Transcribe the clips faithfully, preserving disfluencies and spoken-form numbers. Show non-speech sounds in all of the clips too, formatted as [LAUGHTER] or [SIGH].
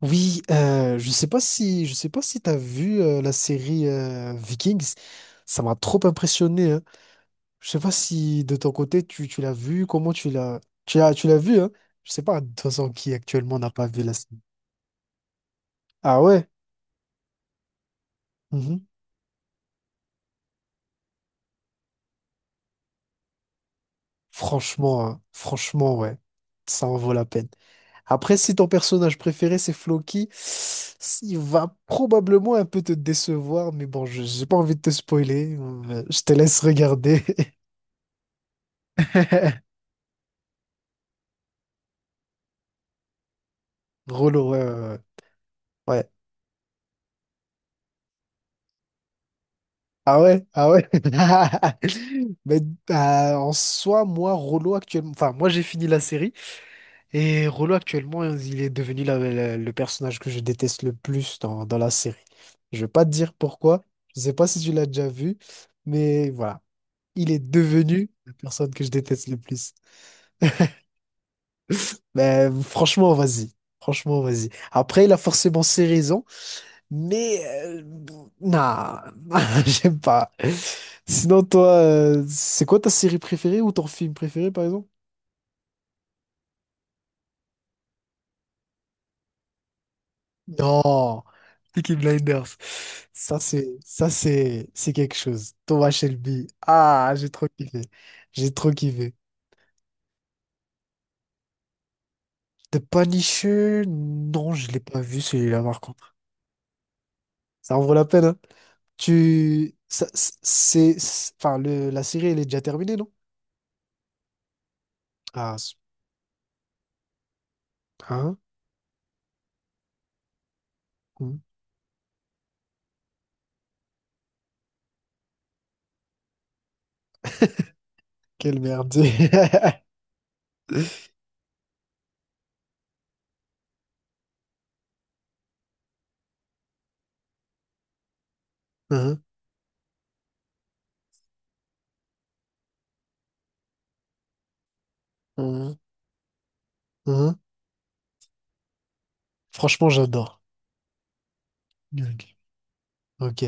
Oui, euh, je sais pas si je sais pas si t'as vu euh, la série euh, Vikings. Ça m'a trop impressionné. Hein. Je sais pas si de ton côté tu, tu l'as vu, comment tu l'as tu l'as tu l'as vu. Hein. Je sais pas de toute façon qui actuellement n'a pas vu la série. Ah ouais. Mhm. Franchement, hein, franchement, ouais, ça en vaut la peine. Après, si ton personnage préféré c'est Floki, il va probablement un peu te décevoir, mais bon, je j'ai pas envie de te spoiler. euh, Je te laisse regarder. [LAUGHS] Drôlo, ouais, ouais, ouais. Ouais. Ah ouais, ah ouais. [LAUGHS] Mais euh, en soi, moi, Rollo actuellement, enfin, moi j'ai fini la série et Rollo actuellement, il est devenu la- la- le personnage que je déteste le plus dans, dans la série. Je vais pas te dire pourquoi, je sais pas si tu l'as déjà vu, mais voilà, il est devenu la personne que je déteste le plus. Mais franchement, vas-y, franchement, vas-y. Après, il a forcément ses raisons. Mais euh, non, [LAUGHS] j'aime pas. Sinon, toi, euh, c'est quoi ta série préférée ou ton film préféré, par exemple? Non, Peaky Blinders. Ça, c'est, ça, c'est, c'est quelque chose. Thomas Shelby. Ah, j'ai trop kiffé. J'ai trop kiffé. The Punisher? Non, je l'ai pas vu celui-là, par contre. Ça en vaut la peine, hein. Tu, ça, c'est, c'est- enfin, le, la série, elle est déjà terminée, non? Ah, c'est- hein? Hmm. Quelle merde. [LAUGHS] Mhm, mhm, mhm. Franchement, j'adore. Ok. Ok.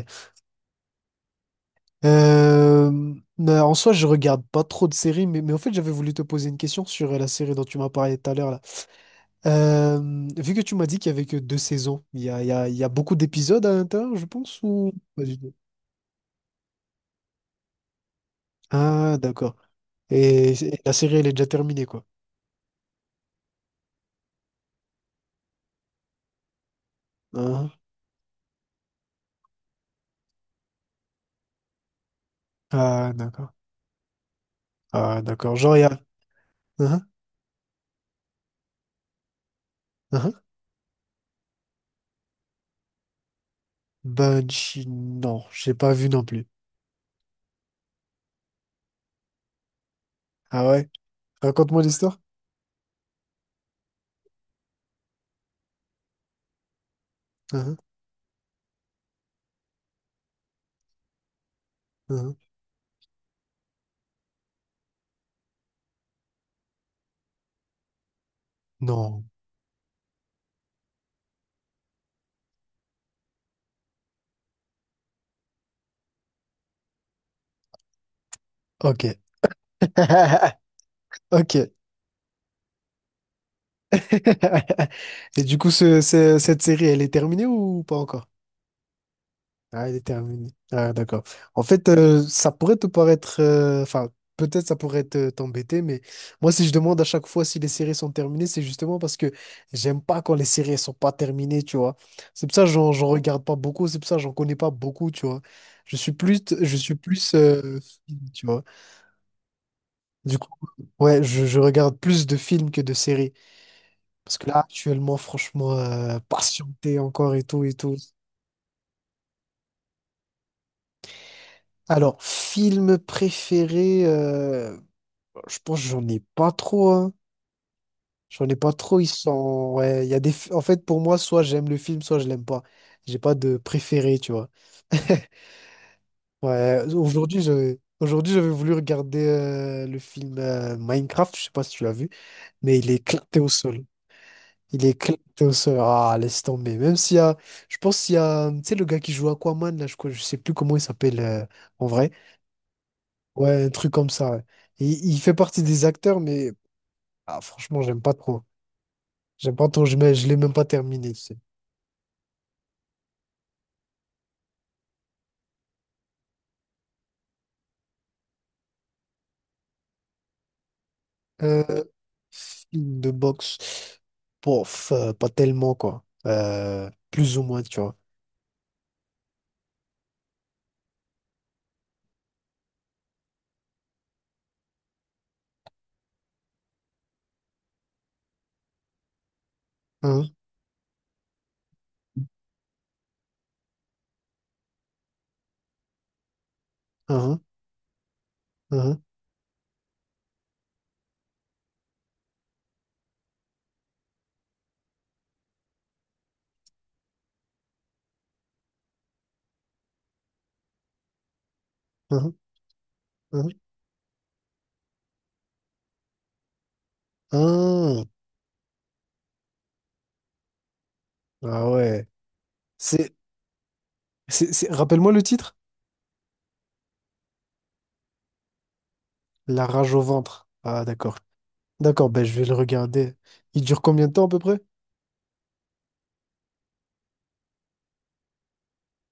Euh, mais en soi, je regarde pas trop de séries, mais, mais en fait, j'avais voulu te poser une question sur euh, la série dont tu m'as parlé tout à l'heure, là. Euh, vu que tu m'as dit qu'il y avait que deux saisons, il y a, il y a, il y a beaucoup d'épisodes à l'intérieur, je pense, ou pas du tout? Ah, d'accord. Et, et la série, elle est déjà terminée, quoi. Hein. Ah, d'accord. Ah, d'accord. Genre, il y a... Hein. Hein. Banshee, non, j'ai pas vu non plus. Ah ouais? Raconte-moi l'histoire. Hein, hein. Non. Ok. [LAUGHS] Ok. [LAUGHS] Et du coup, ce- ce- cette série, elle est terminée ou pas encore? Ah, elle est terminée. Ah, d'accord. En fait, euh, ça pourrait te paraître... euh, Enfin, peut-être ça pourrait te- t'embêter, mais moi, si je demande à chaque fois si les séries sont terminées, c'est justement parce que j'aime pas quand les séries elles sont pas terminées, tu vois. C'est pour ça que j'en j'en regarde pas beaucoup, c'est pour ça que j'en connais pas beaucoup, tu vois. Je suis plus... Je suis plus... euh, film, tu vois. Du coup, ouais, je je regarde plus de films que de séries. Parce que là, actuellement, franchement, euh, patienter encore et tout et tout. Alors, film préféré, euh, je pense que j'en ai pas trop, hein. J'en ai pas trop, ils sont... Ouais, il y a des... fi- En fait, pour moi, soit j'aime le film, soit je l'aime pas. J'ai pas de préféré, tu vois. [LAUGHS] Ouais, aujourd'hui, je Aujourd'hui, j'avais voulu regarder euh, le film euh, Minecraft, je sais pas si tu l'as vu, mais il est éclaté au sol. Il est éclaté au Ah, laisse tomber. Même s'il y a. Je pense qu'il y a. Tu sais, le gars qui joue Aquaman, là, je crois, je sais plus comment il s'appelle euh, en vrai. Ouais, un truc comme ça, ouais. Et il fait partie des acteurs, mais ah, franchement, j'aime pas trop. J'aime pas trop. Je mets- je l'ai même pas terminé, tu sais. Euh, film de boxe. Pof, euh, pas tellement, quoi. Euh, plus ou moins, tu vois. Hein, hein, hein, hein, hein, hein. Ah ouais. C'est. c'est- c'est- Rappelle-moi le titre? La rage au ventre. Ah, d'accord. D'accord, ben je vais le regarder. Il dure combien de temps à peu près?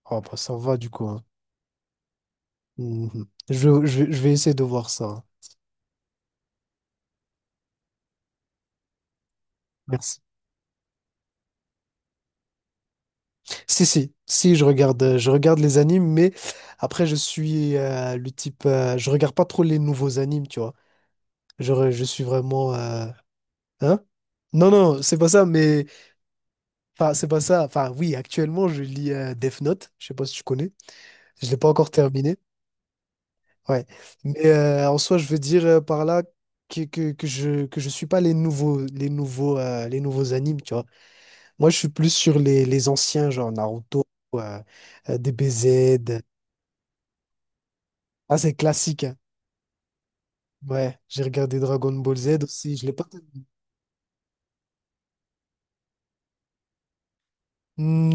Oh, bah ça va du coup, hein. Mhm. Je, je, vais je vais essayer de voir ça, hein. Merci. Si, si, si, je regarde, euh, je regarde les animes, mais après, je suis euh, le type. Euh, je regarde pas trop les nouveaux animes, tu vois. Je, je suis vraiment. euh, Hein? Non, non, c'est pas ça, mais. Enfin, c'est pas ça. Enfin, oui, actuellement, je lis euh, Death Note. Je sais pas si tu connais. Je l'ai pas encore terminé. Ouais. Mais euh, en soi, je veux dire euh, par là que, que, que je que je suis pas les nouveaux les nouveaux euh, les nouveaux animes, tu vois. Moi, je suis plus sur les, les anciens, genre Naruto, euh, euh, D B Z. Ah, c'est classique, hein. Ouais, j'ai regardé Dragon Ball Z aussi. Je l'ai pas.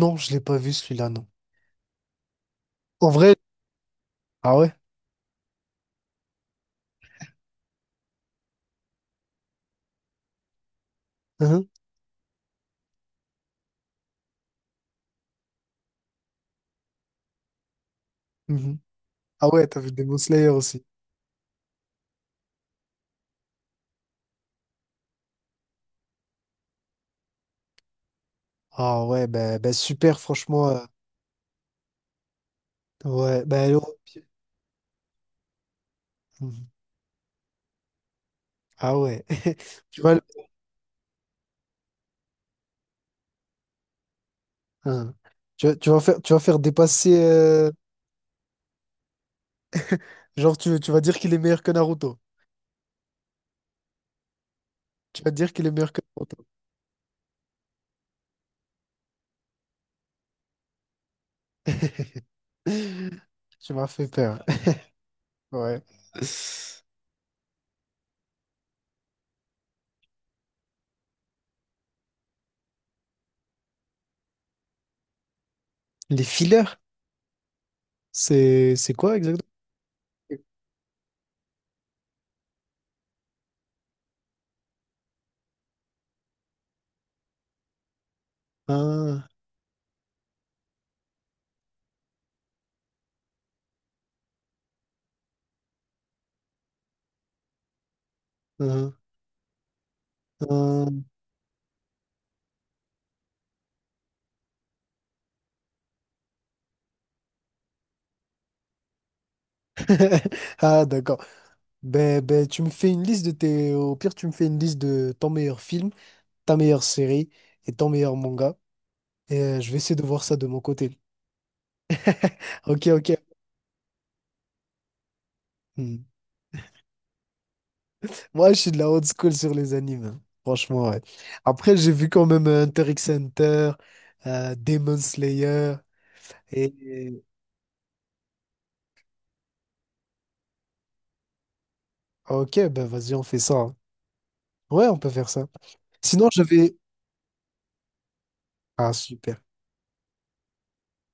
Non, je l'ai pas vu celui-là, non. En vrai, ah ouais. Hein, mhm. Ah ouais, t'as vu Demon Slayer aussi. Ah ouais, ben ben super, franchement. euh, ouais, ben. Oh, mhm. Ah ouais. [LAUGHS] Tu vois, hein. Tu, vas- tu vas faire, tu vas faire dépasser. euh, genre, tu, tu vas dire qu'il est meilleur que Naruto. Tu vas dire qu'il est meilleur que Naruto. [LAUGHS] Tu m'as fait peur. Ouais. Les fillers, c'est c'est quoi exactement? Ah, ah, ah. [LAUGHS] Ah, d'accord. Ben, ben, tu me fais une liste de tes. Au pire, tu me fais une liste de ton meilleur film, ta meilleure série et ton meilleur manga. Et euh, je vais essayer de voir ça de mon côté. Ok, ok. Hmm. Moi, je suis de la old school sur les animes, hein. Franchement, ouais. Après, j'ai vu quand même euh, Hunter x Hunter, euh, Demon Slayer. Et... et- Ok, ben vas-y, on fait ça, hein. Ouais, on peut faire ça. Sinon, j'avais... Ah, super.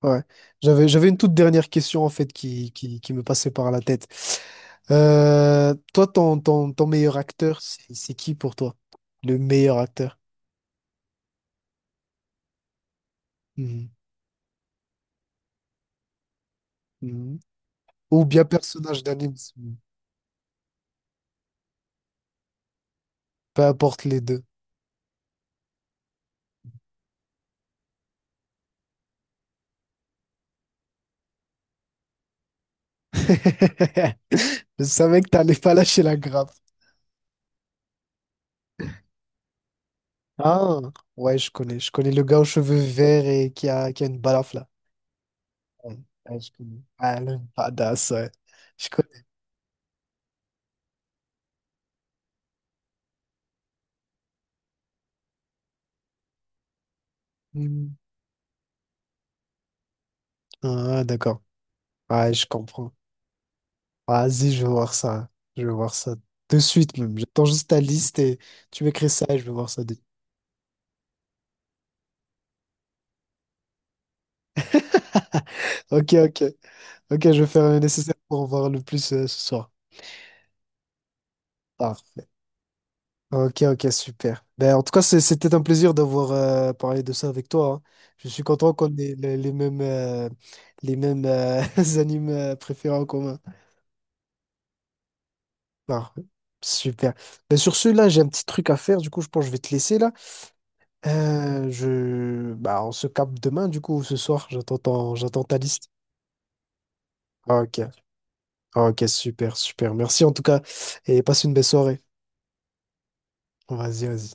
Ouais. J'avais, j'avais une toute dernière question, en fait, qui, qui, qui me passait par la tête. Euh, toi, ton, ton, ton meilleur acteur, c'est c'est qui pour toi? Le meilleur acteur? Mhm. Mhm. Ou bien personnage d'anime, peu importe les deux. [LAUGHS] Je savais que t'allais pas lâcher la grappe. Ah, ouais, je connais. Je connais le gars aux cheveux verts et qui a, qui a une balafre, là. Ouais, ouais, je connais. Ah, le badass, ouais. Je connais. Hmm. Ah, d'accord. Ouais, je comprends. Vas-y, je vais voir ça. Je vais voir ça de suite, même. J'attends juste ta liste et tu m'écris ça et je vais voir ça de suite. Ok, ok. Ok, je vais faire le nécessaire pour en voir le plus euh, ce soir. Parfait. Ok, ok, super. Ben, en tout cas, c'est- c'était un plaisir d'avoir euh, parlé de ça avec toi, hein. Je suis content qu'on ait le- les, mêmes, euh, les mêmes euh, [LAUGHS] animes euh, préférés en commun. Ah, super. Ben, sur ce, là, j'ai un petit truc à faire. Du coup, je pense que je vais te laisser là. Euh, je... bah on se capte demain, du coup, ou ce soir. J'attends ton- j'attends ta liste. Ok, ok, super, super. Merci en tout cas. Et passe une belle soirée. Vas-y, vas-y.